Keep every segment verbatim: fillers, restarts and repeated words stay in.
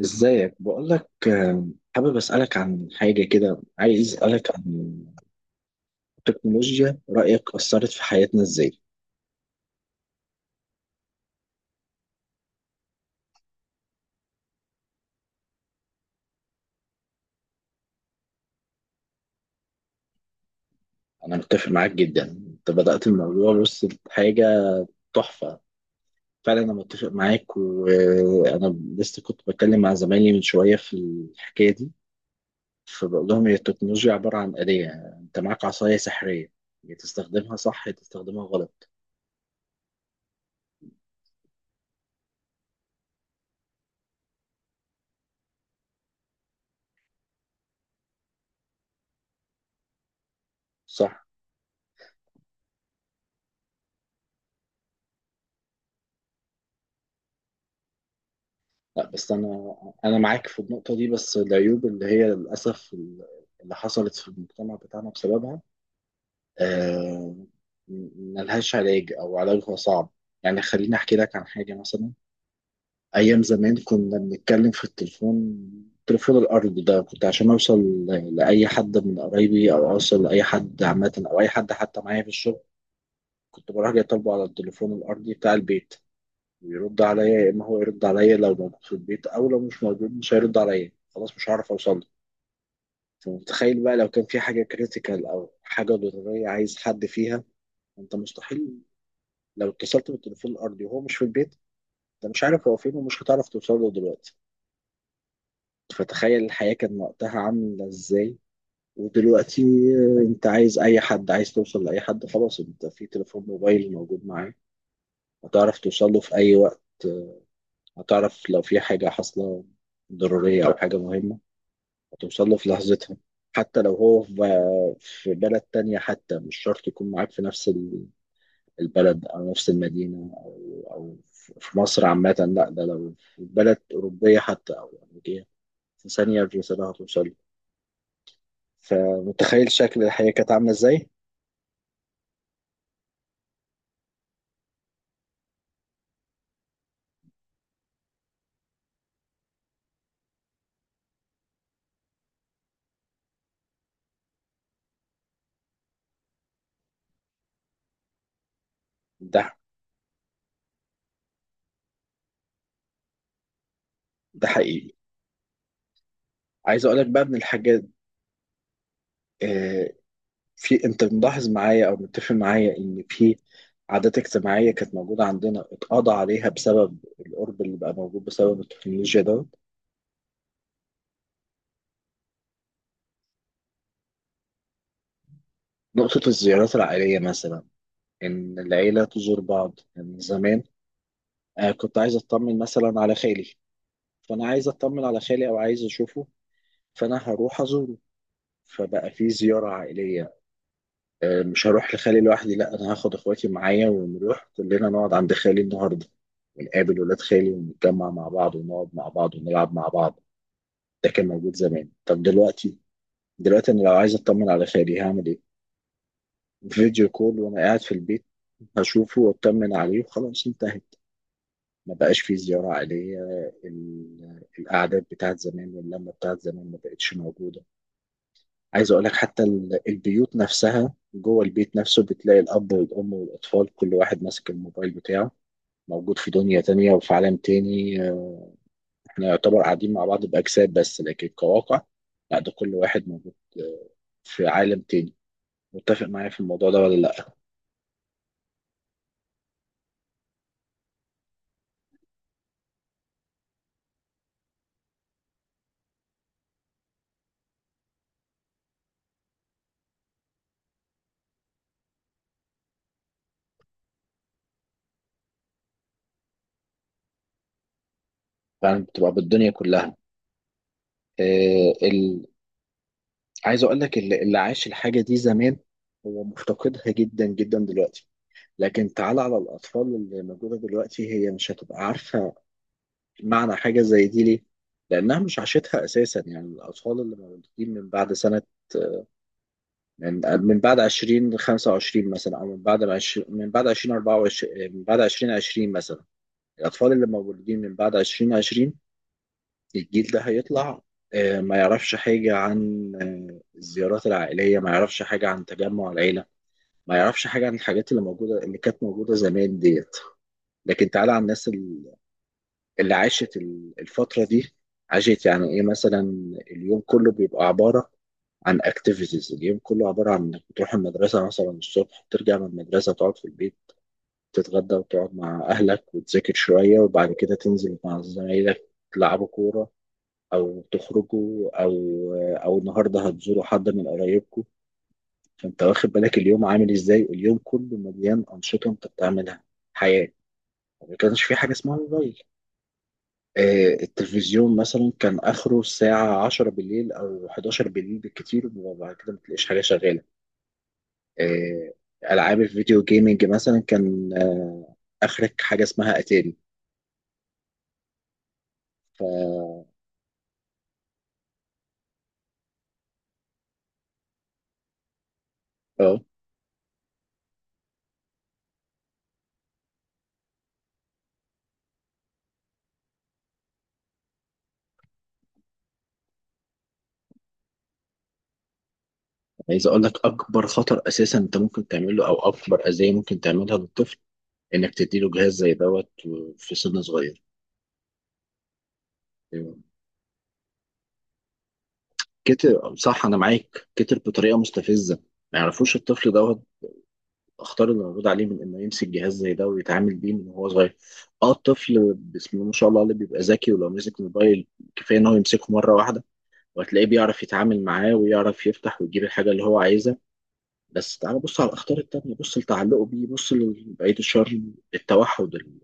ازيك؟ بقول لك، حابب اسالك عن حاجه كده، عايز اسالك عن التكنولوجيا، رايك اثرت في حياتنا ازاي؟ انا متفق معاك جدا، انت بدات الموضوع، بص حاجه تحفه. فعلا انا متفق معاك، وانا لسه كنت بتكلم مع زمايلي من شويه في الحكايه دي. فبقول لهم هي التكنولوجيا عباره عن آلية، انت معاك عصايه سحريه، يا تستخدمها صح يا تستخدمها غلط. صح. لا، بس انا انا معاك في النقطه دي، بس العيوب اللي هي للاسف اللي حصلت في المجتمع بتاعنا بسببها، آه، ملهاش علاج او علاجها صعب. يعني خليني احكي لك عن حاجه مثلا. ايام زمان كنا بنتكلم في التليفون، التليفون الارضي ده، كنت عشان اوصل ل- لاي حد من قرايبي، او اوصل لاي حد عامه، او اي حد حتى معايا في الشغل، كنت بروح جاي طالبه على التليفون الارضي بتاع البيت. يرد عليا، يا اما هو يرد عليا لو موجود في البيت، او لو مش موجود مش هيرد عليا، خلاص مش هعرف اوصل له. فمتخيل بقى لو كان في حاجه كريتيكال او حاجه ضروريه عايز حد فيها؟ انت مستحيل، لو اتصلت بالتليفون الارضي وهو مش في البيت، انت مش عارف هو فين، ومش هتعرف توصل له دلوقتي. فتخيل الحياه كان وقتها عامله ازاي؟ ودلوقتي، انت عايز اي حد، عايز توصل لاي حد، خلاص، انت في تليفون موبايل موجود معاك، هتعرف توصل له في اي وقت. هتعرف لو في حاجه حاصله ضروريه او حاجه مهمه، هتوصل له في لحظتها. حتى لو هو في في بلد تانية، حتى مش شرط يكون معاك في نفس ال- البلد أو نفس المدينة أو أو في مصر عامة، لا، ده لو في بلد أوروبية حتى أو أمريكية، في ثانية الرسالة هتوصل له. فمتخيل شكل الحياة كانت عاملة إزاي؟ ده ده حقيقي. عايز أقولك بقى من الحاجات، آه، في، أنت ملاحظ معايا أو متفق معايا إن في عادات اجتماعية كانت موجودة عندنا اتقضى عليها بسبب القرب اللي بقى موجود بسبب التكنولوجيا ده؟ نقطة الزيارات العائلية مثلا، إن العيلة تزور بعض من زمان. آه كنت عايز أطمن مثلا على خالي، فأنا عايز أطمن على خالي أو عايز أشوفه، فأنا هروح أزوره، فبقى في زيارة عائلية. آه مش هروح لخالي لوحدي، لا، أنا هاخد إخواتي معايا ونروح كلنا نقعد عند خالي النهاردة، ونقابل ولاد خالي ونتجمع مع بعض ونقعد مع بعض ونلعب مع بعض. ده كان موجود زمان. طب دلوقتي، دلوقتي أنا لو عايز أطمن على خالي هعمل إيه؟ فيديو كول، وانا قاعد في البيت اشوفه واطمن عليه، وخلاص انتهت، ما بقاش في زيارة عائلية. ال- القعدات بتاعت زمان واللمة بتاعت زمان ما بقتش موجودة. عايز اقول لك حتى ال- البيوت نفسها، جوه البيت نفسه بتلاقي الاب والام والاطفال كل واحد ماسك الموبايل بتاعه، موجود في دنيا تانية وفي عالم تاني. آه، احنا يعتبر قاعدين مع بعض بأجساد بس، لكن كواقع لا، ده كل واحد موجود في عالم تاني. متفق معايا في الموضوع ده ولا لا؟ فعلا، بتبقى بالدنيا كلها. آه، ال... عايز اقول لك، اللي اللي عاش الحاجه دي زمان هو مفتقدها جدا جدا دلوقتي. لكن تعال على الاطفال اللي موجوده دلوقتي، هي مش هتبقى عارفه معنى حاجه زي دي ليه، لانها مش عاشتها اساسا. يعني الاطفال اللي مولودين من بعد سنه، من من بعد ألفين وخمسة وعشرين مثلا، او من بعد عشرين، من بعد ألفين وأربعة وعشرين، من بعد ألفين وعشرين مثلا. الاطفال اللي مولودين من بعد ألفين وعشرين، الجيل ده هيطلع آه، ما يعرفش حاجة عن آه، الزيارات العائلية، ما يعرفش حاجة عن تجمع العيلة، ما يعرفش حاجة عن الحاجات اللي موجودة اللي كانت موجودة زمان ديت. لكن تعالى على الناس ال- اللي عاشت ال- الفترة دي، عاشت يعني ايه مثلا؟ اليوم كله بيبقى عبارة عن اكتيفيتيز، اليوم كله عبارة عن انك بتروح المدرسة مثلا الصبح، ترجع من المدرسة تقعد في البيت، تتغدى وتقعد مع أهلك وتذاكر شوية، وبعد كده تنزل مع زمايلك تلعبوا كورة، او تخرجوا، او او النهارده هتزوروا حد من قرايبكم. فانت واخد بالك اليوم عامل ازاي؟ اليوم كله مليان انشطه انت بتعملها، حياه. ما كانش في حاجه اسمها موبايل، آه، التلفزيون مثلا كان اخره الساعه عشرة بالليل او حداشر بالليل بالكتير، وبعد كده ما تلاقيش حاجه شغاله. آه، العاب الفيديو جيمنج مثلا، كان آه، اخرك حاجه اسمها اتاري. ف اه عايز اقول لك، اكبر خطر اساسا انت ممكن تعمله، او اكبر اذيه ممكن تعملها للطفل، انك تديله جهاز زي دوت في سن صغير. كتر، صح، انا معاك، كتر بطريقه مستفزه. ما يعرفوش الطفل دوت اخطار اللي موجود عليه من انه يمسك جهاز زي ده ويتعامل بيه من وهو صغير. اه، الطفل بسم الله ما شاء الله اللي بيبقى ذكي، ولو مسك موبايل كفايه ان هو يمسكه مره واحده، وهتلاقيه بيعرف يتعامل معاه ويعرف يفتح ويجيب الحاجه اللي هو عايزها. بس تعال بص على الاخطار التانيه، بص لتعلقه بيه، بص لبعيد الشر، التوحد، ال-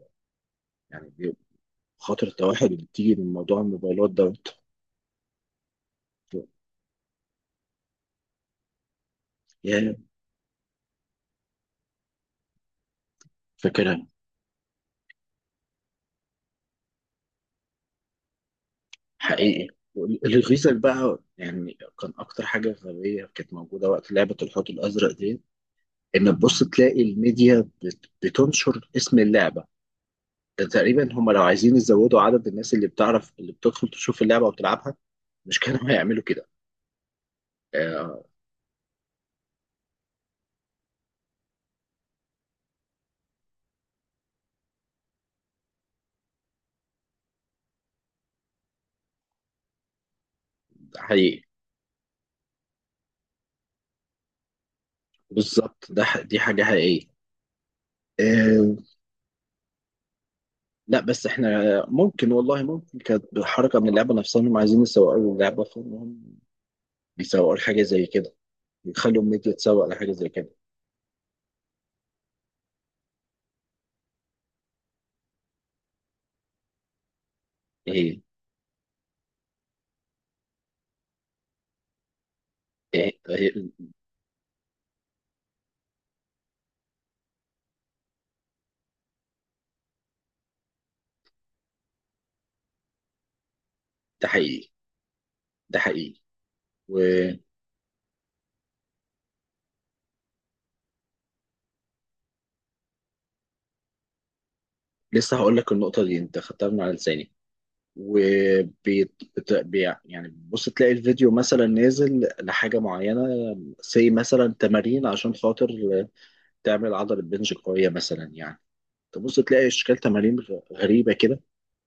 يعني خاطر التوحد اللي بتيجي من موضوع الموبايلات دوت. فاكرها. حقيقي. الريزل بقى، يعني كان اكتر حاجه غبيه كانت موجوده وقت لعبه الحوت الازرق دي، ان تبص تلاقي الميديا بت- بتنشر اسم اللعبه. ده تقريبا، هم لو عايزين يزودوا عدد الناس اللي بتعرف، اللي بتدخل تشوف اللعبه وتلعبها، مش كانوا هيعملوا كده؟ آه، ده حقيقي. بالظبط، ده ح- دي حاجه حقيقيه. آه، لا، بس احنا، ممكن، والله ممكن كانت حركه من اللعبه نفسها، انهم عايزين يسوقوا اللعبه فانهم بيسوقوا حاجه زي كده، يخلوا الميديا تسوق لحاجه زي كده. ايه، ايه، إيه، ده حقيقي، ده حقيقي، ولسه. هقول لك النقطة دي انت خدتها من على لساني، وبي يعني بص، تلاقي الفيديو مثلا نازل لحاجة معينة، زي مثلا تمارين عشان خاطر تعمل عضلة بنج قوية مثلا يعني، تبص تلاقي اشكال تمارين غ- غريبة كده،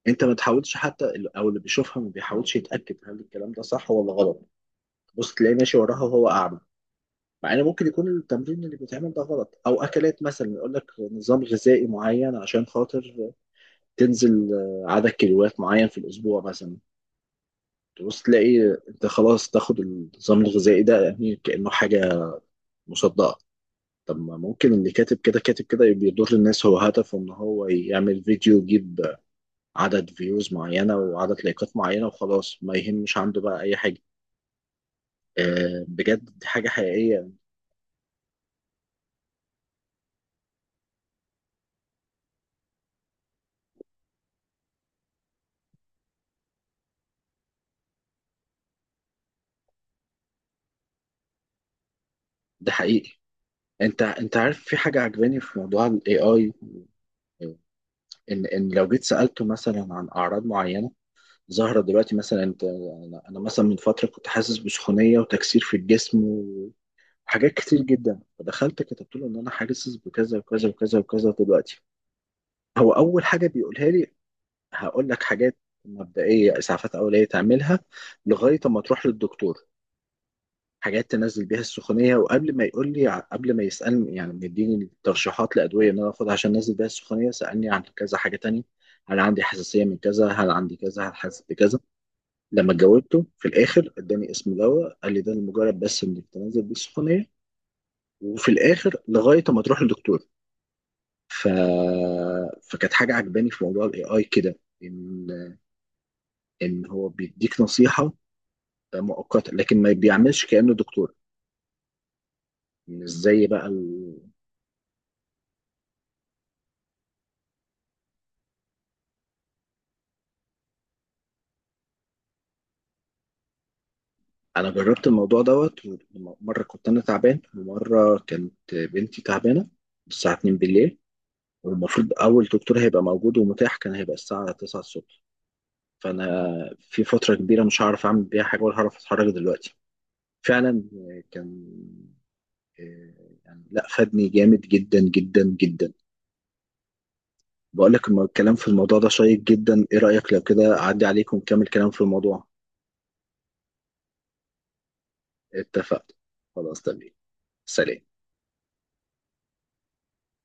انت ما تحاولش حتى، او اللي بيشوفها ما بيحاولش يتأكد هل الكلام ده صح ولا غلط، بص تلاقيه ماشي وراها وهو أعمى، مع ان ممكن يكون التمرين اللي بيتعمل ده غلط. او اكلات مثلا، يقول لك نظام غذائي معين عشان خاطر تنزل آه، عدد كيلوات معين في الاسبوع مثلا، تبص تلاقي انت خلاص تاخد النظام الغذائي ده، يعني كانه حاجه مصدقه. طب ما ممكن اللي كاتب كده، كاتب كده بيضر الناس، هو هدفه ان هو يعمل فيديو يجيب عدد فيوز معينه وعدد لايكات معينه وخلاص، ما يهمش عنده بقى اي حاجه. آه، بجد دي حاجه حقيقيه. ده حقيقي. انت انت عارف، في حاجه عجباني في موضوع الاي اي، ان ان لو جيت سالته مثلا عن اعراض معينه ظاهره دلوقتي مثلا، انت انا أنا مثلا من فتره كنت حاسس بسخونيه وتكسير في الجسم وحاجات كتير جدا، فدخلت كتبت له ان انا حاسس بكذا وكذا وكذا وكذا دلوقتي. هو اول حاجه بيقولها لي: هقول لك حاجات مبدئيه، اسعافات اوليه تعملها لغايه اما تروح للدكتور، حاجات تنزل بيها السخونيه. وقبل ما يقول لي قبل ما يسالني يعني مديني ترشيحات لادويه ان انا اخدها عشان انزل بيها السخونيه، سالني عن كذا حاجه تانية: هل عندي حساسيه من كذا؟ هل عندي كذا؟ هل حاسس بكذا؟ لما جاوبته في الاخر اداني اسم دواء، قال لي ده لمجرد بس انك تنزل بيه السخونيه، وفي الاخر لغايه ما تروح للدكتور. ف... فكانت حاجه عجباني في موضوع الاي اي كده، ان ان هو بيديك نصيحه مؤقته، لكن ما بيعملش كانه دكتور، مش زي بقى. انا جربت الموضوع دوت، ومره كنت انا تعبان ومره كانت بنتي تعبانه الساعه اتنين بالليل، والمفروض اول دكتور هيبقى موجود ومتاح كان هيبقى الساعه تسعة الصبح، فانا في فتره كبيره مش هعرف اعمل بيها حاجه ولا هعرف اتحرك دلوقتي. فعلا كان، يعني لا، فادني جامد جدا جدا جدا. بقول لك، الم- الكلام في الموضوع ده شيق جدا، ايه رايك لو كده اعدي عليكم ونكمل كلام في الموضوع؟ اتفقت، خلاص تمام. سلام.